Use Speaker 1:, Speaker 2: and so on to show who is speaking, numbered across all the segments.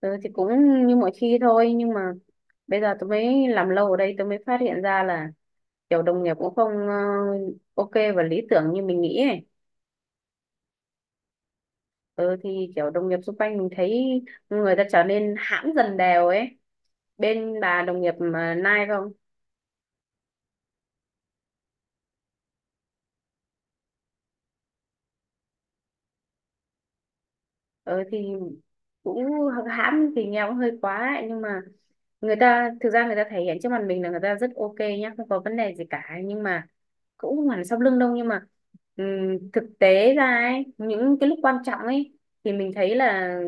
Speaker 1: Tớ thì cũng như mọi khi thôi, nhưng mà bây giờ tôi mới làm lâu ở đây tôi mới phát hiện ra là kiểu đồng nghiệp cũng không ok và lý tưởng như mình nghĩ ấy. Ừ thì kiểu đồng nghiệp xung quanh mình thấy người ta trở nên hãm dần đều ấy. Bên bà đồng nghiệp mà Nai không? Ừ thì cũng hãm thì nghe cũng hơi quá ấy. Nhưng mà người ta thực ra người ta thể hiện trước mặt mình là người ta rất ok nhá, không có vấn đề gì cả, nhưng mà cũng không hẳn là sau lưng đâu, nhưng mà thực tế ra ấy, những cái lúc quan trọng ấy thì mình thấy là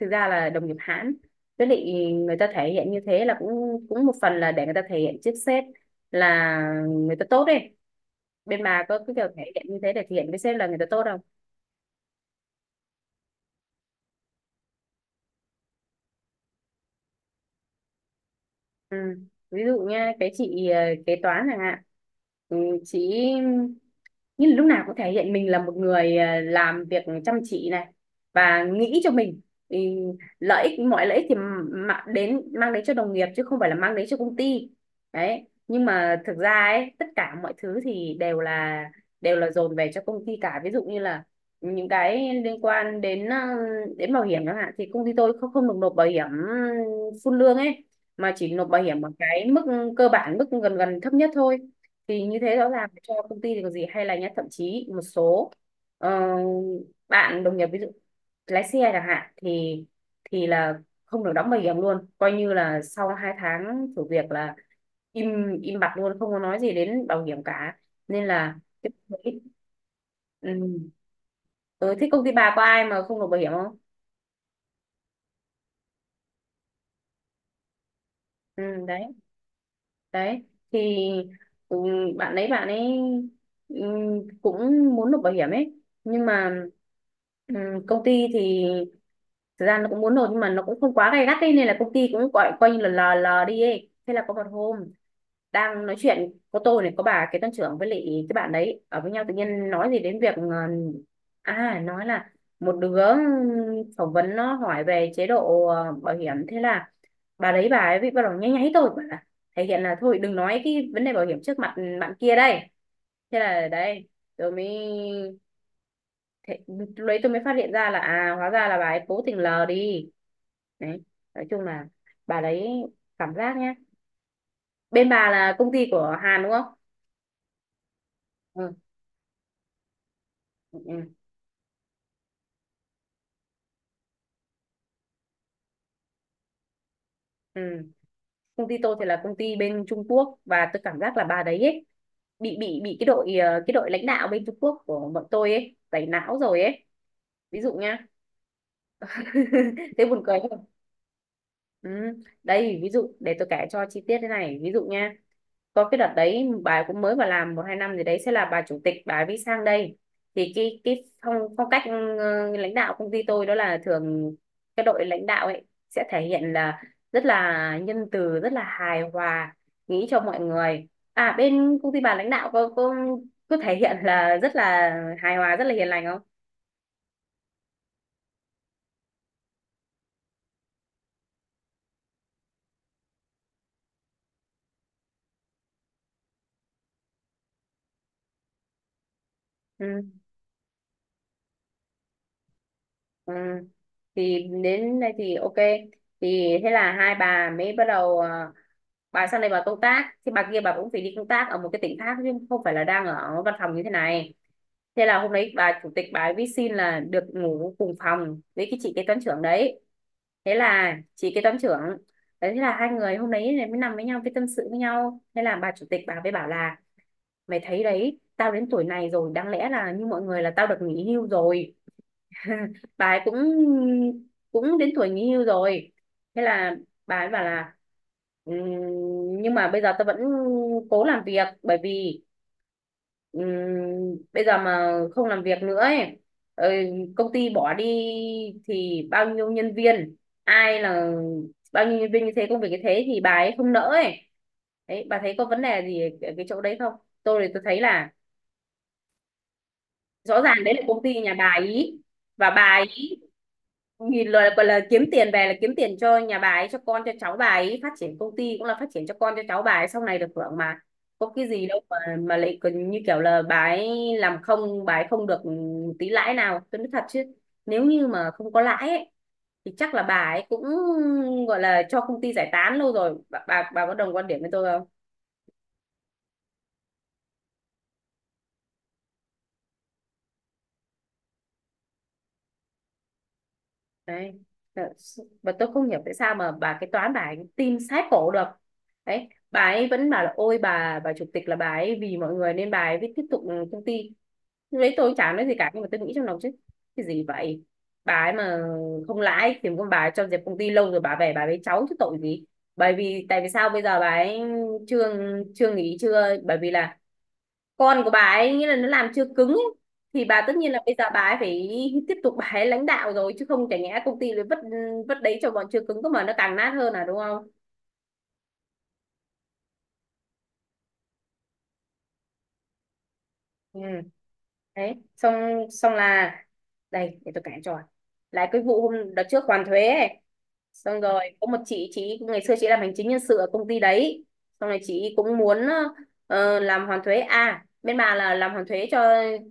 Speaker 1: thực ra là đồng nghiệp Hãn, với lại người ta thể hiện như thế là cũng cũng một phần là để người ta thể hiện trước sếp là người ta tốt ấy. Bên bà có cái kiểu thể hiện như thế để thể hiện với sếp là người ta tốt không? Ừ. Ví dụ nha, cái chị kế toán chẳng hạn, ừ, chị như là lúc nào cũng thể hiện mình là một người làm việc chăm chỉ này, và nghĩ cho mình, ừ, lợi ích mọi lợi ích thì mà đến mang đến cho đồng nghiệp chứ không phải là mang đến cho công ty. Đấy, nhưng mà thực ra ấy tất cả mọi thứ thì đều là dồn về cho công ty cả. Ví dụ như là những cái liên quan đến đến bảo hiểm chẳng hạn thì công ty tôi không không được nộp bảo hiểm ừ, full lương ấy, mà chỉ nộp bảo hiểm ở cái mức cơ bản, mức gần gần thấp nhất thôi. Thì như thế rõ ràng cho công ty thì có gì hay, là nhá, thậm chí một số ờ, bạn đồng nghiệp, ví dụ lái xe chẳng hạn, thì là không được đóng bảo hiểm luôn, coi như là sau hai tháng thử việc là im im bặt luôn, không có nói gì đến bảo hiểm cả. Nên là cái- ừ. Ừ, thế công ty bà có ai mà không nộp bảo hiểm không? Ừ, đấy. Đấy thì ừ, bạn ấy ừ, cũng muốn nộp bảo hiểm ấy, nhưng mà ừ, công ty thì thực ra nó cũng muốn nộp, nhưng mà nó cũng không quá gay gắt ấy, nên là công ty cũng gọi coi như là lờ lờ đi ấy. Thế là có một hôm đang nói chuyện có tôi này, có bà kế toán trưởng với lại cái bạn đấy ở với nhau, tự nhiên nói gì đến việc à, nói là một đứa phỏng vấn nó hỏi về chế độ bảo hiểm. Thế là bà đấy bà ấy bị bắt đầu nháy nháy tôi, thể hiện là thôi đừng nói cái vấn đề bảo hiểm trước mặt bạn kia đây. Thế là đấy, tôi mới thế, lúc tôi mới phát hiện ra là à, hóa ra là bà ấy cố tình lờ đi. Đấy, nói chung là bà đấy, cảm giác nhá. Bên bà là công ty của Hàn đúng không? Ừ, ừ, ừ. Ừ. Công ty tôi thì là công ty bên Trung Quốc, và tôi cảm giác là bà đấy ấy, bị cái đội cái đội lãnh đạo bên Trung Quốc của bọn tôi ấy tẩy não rồi ấy. Ví dụ nhá. Thế buồn cười không? Ừ. Đây ví dụ để tôi kể cho chi tiết thế này. Ví dụ nha, có cái đợt đấy bà cũng mới vào làm một hai năm gì đấy, sẽ là bà chủ tịch bà mới sang đây. Thì cái phong phong cách ừ, lãnh đạo công ty tôi đó là thường cái đội lãnh đạo ấy sẽ thể hiện là rất là nhân từ, rất là hài hòa, nghĩ cho mọi người. À, bên công ty bà lãnh đạo có thể hiện là rất là hài hòa, rất là hiền lành không? Ừ. Ừ. Thì đến đây thì ok. Thì thế là hai bà mới bắt đầu à, bà sang đây bà công tác, thì bà kia bà cũng phải đi công tác ở một cái tỉnh khác chứ không phải là đang ở văn phòng như thế này. Thế là hôm đấy bà chủ tịch bà ấy viết xin là được ngủ cùng phòng với cái chị kế toán trưởng đấy. Thế là chị kế toán trưởng đấy, thế là hai người hôm đấy này mới nằm với nhau cái tâm sự với nhau. Thế là bà chủ tịch bà mới bảo là mày thấy đấy, tao đến tuổi này rồi đáng lẽ là như mọi người là tao được nghỉ hưu rồi. Bà ấy cũng cũng đến tuổi nghỉ hưu rồi. Thế là bà ấy bảo là "Ừm, nhưng mà bây giờ tôi vẫn cố làm việc, bởi vì ừm, bây giờ mà không làm việc nữa ấy, ờ, công ty bỏ đi thì bao nhiêu nhân viên, ai là bao nhiêu nhân viên như thế, công việc như thế, thì bà ấy không nỡ ấy. Đấy, bà thấy có vấn đề gì ở cái chỗ đấy không? Tôi thì tôi thấy là rõ ràng đấy là công ty nhà bà ấy, và bà ấy nhìn lời là, gọi là kiếm tiền về là kiếm tiền cho nhà bà ấy, cho con cho cháu bà ấy, phát triển công ty cũng là phát triển cho con cho cháu bà ấy sau này được hưởng mà. Có cái gì đâu mà lại còn như kiểu là bà ấy làm không bà ấy không được tí lãi nào. Tôi nói thật chứ, nếu như mà không có lãi ấy, thì chắc là bà ấy cũng gọi là cho công ty giải tán lâu rồi. Bà có đồng quan điểm với tôi không? Đấy. Thật sự- và tôi không hiểu tại sao mà bà cái toán bà ấy tin sát cổ được. Đấy, bà ấy vẫn bảo là ôi bà chủ tịch là bà ấy vì mọi người nên bà ấy mới tiếp tục công ty. Lúc đấy tôi chả nói gì cả, nhưng mà tôi nghĩ trong lòng chứ cái gì vậy, bà ấy mà không lãi thì con bà ấy cho dẹp công ty lâu rồi, bà về bà với cháu chứ tội gì. Bởi vì tại vì sao bây giờ bà ấy chưa chưa nghỉ, chưa bởi vì là con của bà ấy nghĩa là nó làm chưa cứng ấy. Thì bà tất nhiên là bây giờ bà ấy phải tiếp tục bà ấy lãnh đạo rồi chứ, không chả nhẽ công ty lại vất vất đấy cho bọn chưa cứng cơ mà nó càng nát hơn à, đúng không? Ừ. Đấy, xong xong là đây để tôi kể cho lại cái vụ hôm đợt trước hoàn thuế ấy. Xong rồi có một chị ngày xưa chị làm hành chính nhân sự ở công ty đấy. Xong rồi chị cũng muốn làm hoàn thuế. À, bên bà là làm hoàn thuế cho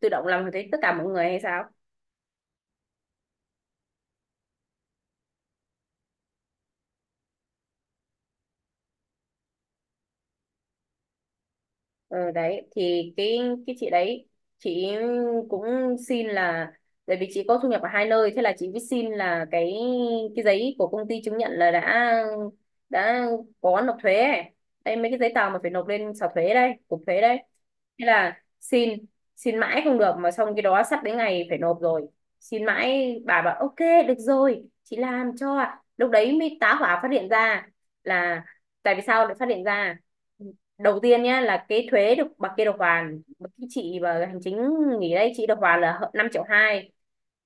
Speaker 1: tự động làm hoàn thuế tất cả mọi người hay sao? Ờ đấy thì cái chị đấy, chị cũng xin là tại vì chị có thu nhập ở hai nơi, thế là chị mới xin là cái giấy của công ty chứng nhận là đã có nộp thuế ấy. Đây mấy cái giấy tờ mà phải nộp lên sở thuế đây, cục thuế đây. Thế là xin xin mãi không được, mà xong cái đó sắp đến ngày phải nộp rồi. Xin mãi bà bảo ok được rồi, chị làm cho. Ạ." Lúc đấy mới tá hỏa phát hiện ra là, tại vì sao lại phát hiện ra đầu tiên nhé, là cái thuế được bà kia được hoàn bà- cái chị và hành chính nghỉ đây, chị được hoàn là 5,2 triệu.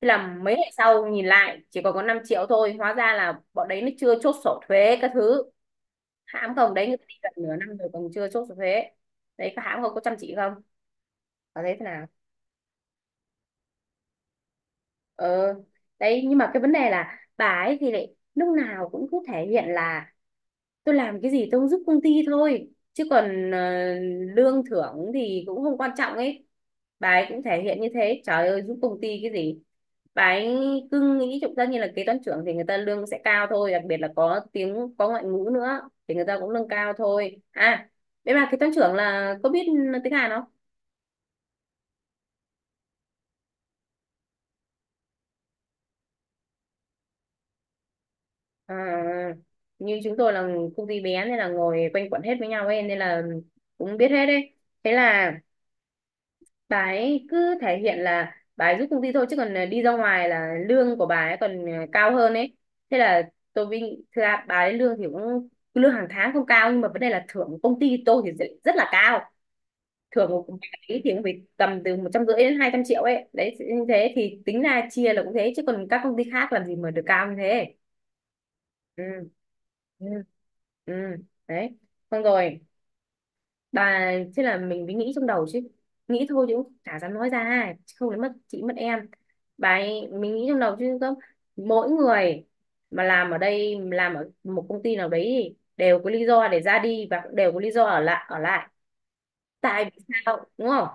Speaker 1: Thế là mấy ngày sau nhìn lại chỉ còn có 5 triệu thôi, hóa ra là bọn đấy nó chưa chốt sổ thuế các thứ. Hãm không? Đấy, người ta đi gần nửa năm rồi còn chưa chốt sổ thuế. Đấy, có hãm không, có chăm chỉ không, có thấy thế nào? ờ Đấy nhưng mà cái vấn đề là bà ấy thì lại lúc nào cũng cứ thể hiện là tôi làm cái gì tôi cũng giúp công ty thôi, chứ còn lương thưởng thì cũng không quan trọng ấy. Bà ấy cũng thể hiện như thế, trời ơi giúp công ty cái gì. Bà ấy cứ nghĩ chúng ta như là kế toán trưởng thì người ta lương sẽ cao thôi, đặc biệt là có tiếng, có ngoại ngữ nữa thì người ta cũng lương cao thôi à. Đấy, bà kế toán trưởng là có biết tiếng Hàn không? À, như chúng tôi là công ty bé nên là ngồi quanh quẩn hết với nhau ấy, nên là cũng biết hết đấy. Thế là bà ấy cứ thể hiện là bà ấy giúp công ty thôi, chứ còn đi ra ngoài là lương của bà ấy còn cao hơn ấy. Thế là tôi vinh, thực ra bà ấy lương thì cũng, lương hàng tháng không cao, nhưng mà vấn đề là thưởng của công ty tôi thì rất, rất là cao. Thưởng của bà ấy thì cũng phải tầm từ 150 đến 200 triệu ấy. Đấy, như thế thì tính ra chia là cũng thế, chứ còn các công ty khác làm gì mà được cao như thế. Ừ, ừ, ừ, đấy xong rồi, bà, thế là mình mới nghĩ trong đầu chứ, nghĩ thôi chứ cũng chả dám nói ra ai, chứ không đến mất chị mất em. Bà ấy, mình nghĩ trong đầu chứ không, mỗi người mà làm ở đây, làm ở một công ty nào đấy thì đều có lý do để ra đi, và cũng đều có lý do ở lại ở lại, tại vì sao, đúng không?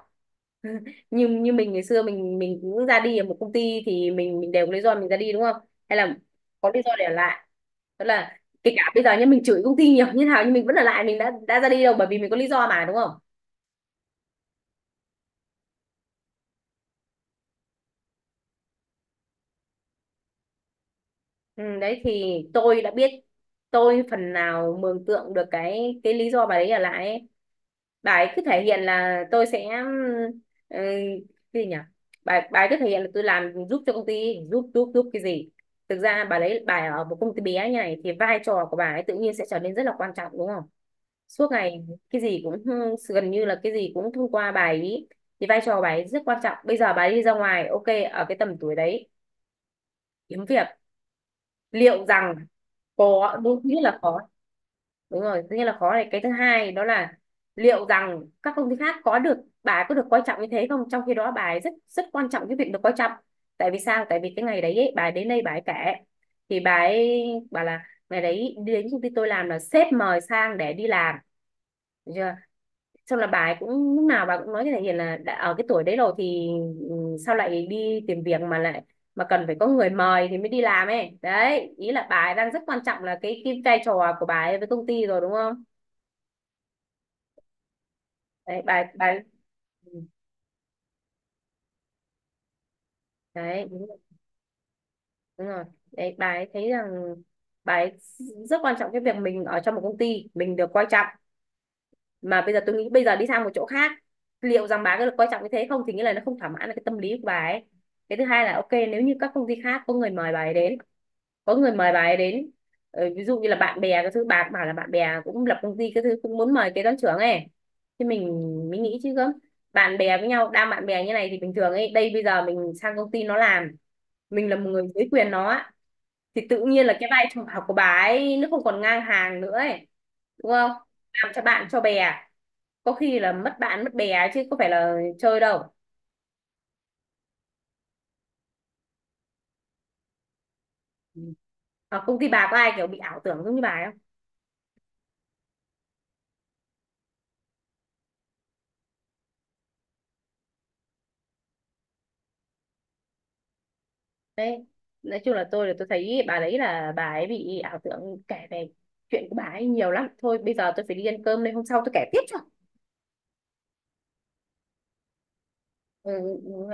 Speaker 1: như như mình ngày xưa, mình cũng ra đi ở một công ty thì mình đều có lý do mình ra đi, đúng không? Hay là có lý do để ở lại. Tức là kể cả bây giờ nhá, mình chửi công ty nhiều như nào nhưng mình vẫn ở lại, mình đã ra đi đâu, bởi vì mình có lý do mà, đúng không? Ừ, đấy thì tôi đã biết, tôi phần nào mường tượng được cái lý do bà ấy ở lại ấy. Bà ấy cứ thể hiện là tôi sẽ, ừ, cái gì nhỉ, bà ấy cứ thể hiện là tôi làm giúp cho công ty, giúp giúp giúp cái gì. Thực ra bà ấy ở một công ty bé như này thì vai trò của bà ấy tự nhiên sẽ trở nên rất là quan trọng, đúng không? Suốt ngày cái gì cũng, gần như là cái gì cũng thông qua bà ấy, thì vai trò của bà ấy rất quan trọng. Bây giờ bà ấy đi ra ngoài, ok, ở cái tầm tuổi đấy, kiếm việc, liệu rằng có đúng, thứ nhất là khó. Đúng rồi, nghĩa là khó này, cái thứ hai đó là liệu rằng các công ty khác có được, bà ấy có được coi trọng như thế không, trong khi đó bà ấy rất rất quan trọng cái việc được coi trọng. Tại vì sao, tại vì cái ngày đấy ấy, bà ấy đến đây bà ấy kể thì bà ấy bảo là ngày đấy đến công ty tôi làm là sếp mời sang để đi làm, được chưa. Xong là bà ấy cũng lúc nào bà cũng nói với thằng Hiền là đã ở cái tuổi đấy rồi thì, ừ, sao lại đi tìm việc mà lại, mà cần phải có người mời thì mới đi làm ấy. Đấy, ý là bà ấy đang rất quan trọng là cái vai trò của bà ấy với công ty rồi, đúng không? Đấy ừ, đấy đúng rồi, đúng rồi. Đấy bà ấy thấy rằng bà ấy rất quan trọng cái việc mình ở trong một công ty mình được coi trọng, mà bây giờ tôi nghĩ bây giờ đi sang một chỗ khác, liệu rằng bà có được coi trọng như thế không, thì nghĩa là nó không thỏa mãn được cái tâm lý của bà ấy. Cái thứ hai là ok, nếu như các công ty khác có người mời bà ấy đến, có người mời bà ấy đến. Ờ, ví dụ như là bạn bè, cái thứ bà cũng bảo là bạn bè cũng lập công ty, cái thứ cũng muốn mời kế toán trưởng ấy, thì mình mới nghĩ chứ gớm, bạn bè với nhau đang bạn bè như này thì bình thường ấy, đây bây giờ mình sang công ty nó làm, mình là một người dưới quyền nó á, thì tự nhiên là cái vai trò của bà ấy nó không còn ngang hàng nữa ấy, đúng không? Làm cho bạn cho bè có khi là mất bạn mất bè, chứ có phải là chơi đâu. Ừ. Ở công ty bà có ai kiểu bị ảo tưởng giống như bà ấy? Đấy, nói chung là, tôi là tôi thấy bà đấy là bà ấy bị ảo tưởng, kể về chuyện của bà ấy nhiều lắm thôi, bây giờ tôi phải đi ăn cơm đây, hôm sau tôi kể tiếp cho. Ừ, ừ,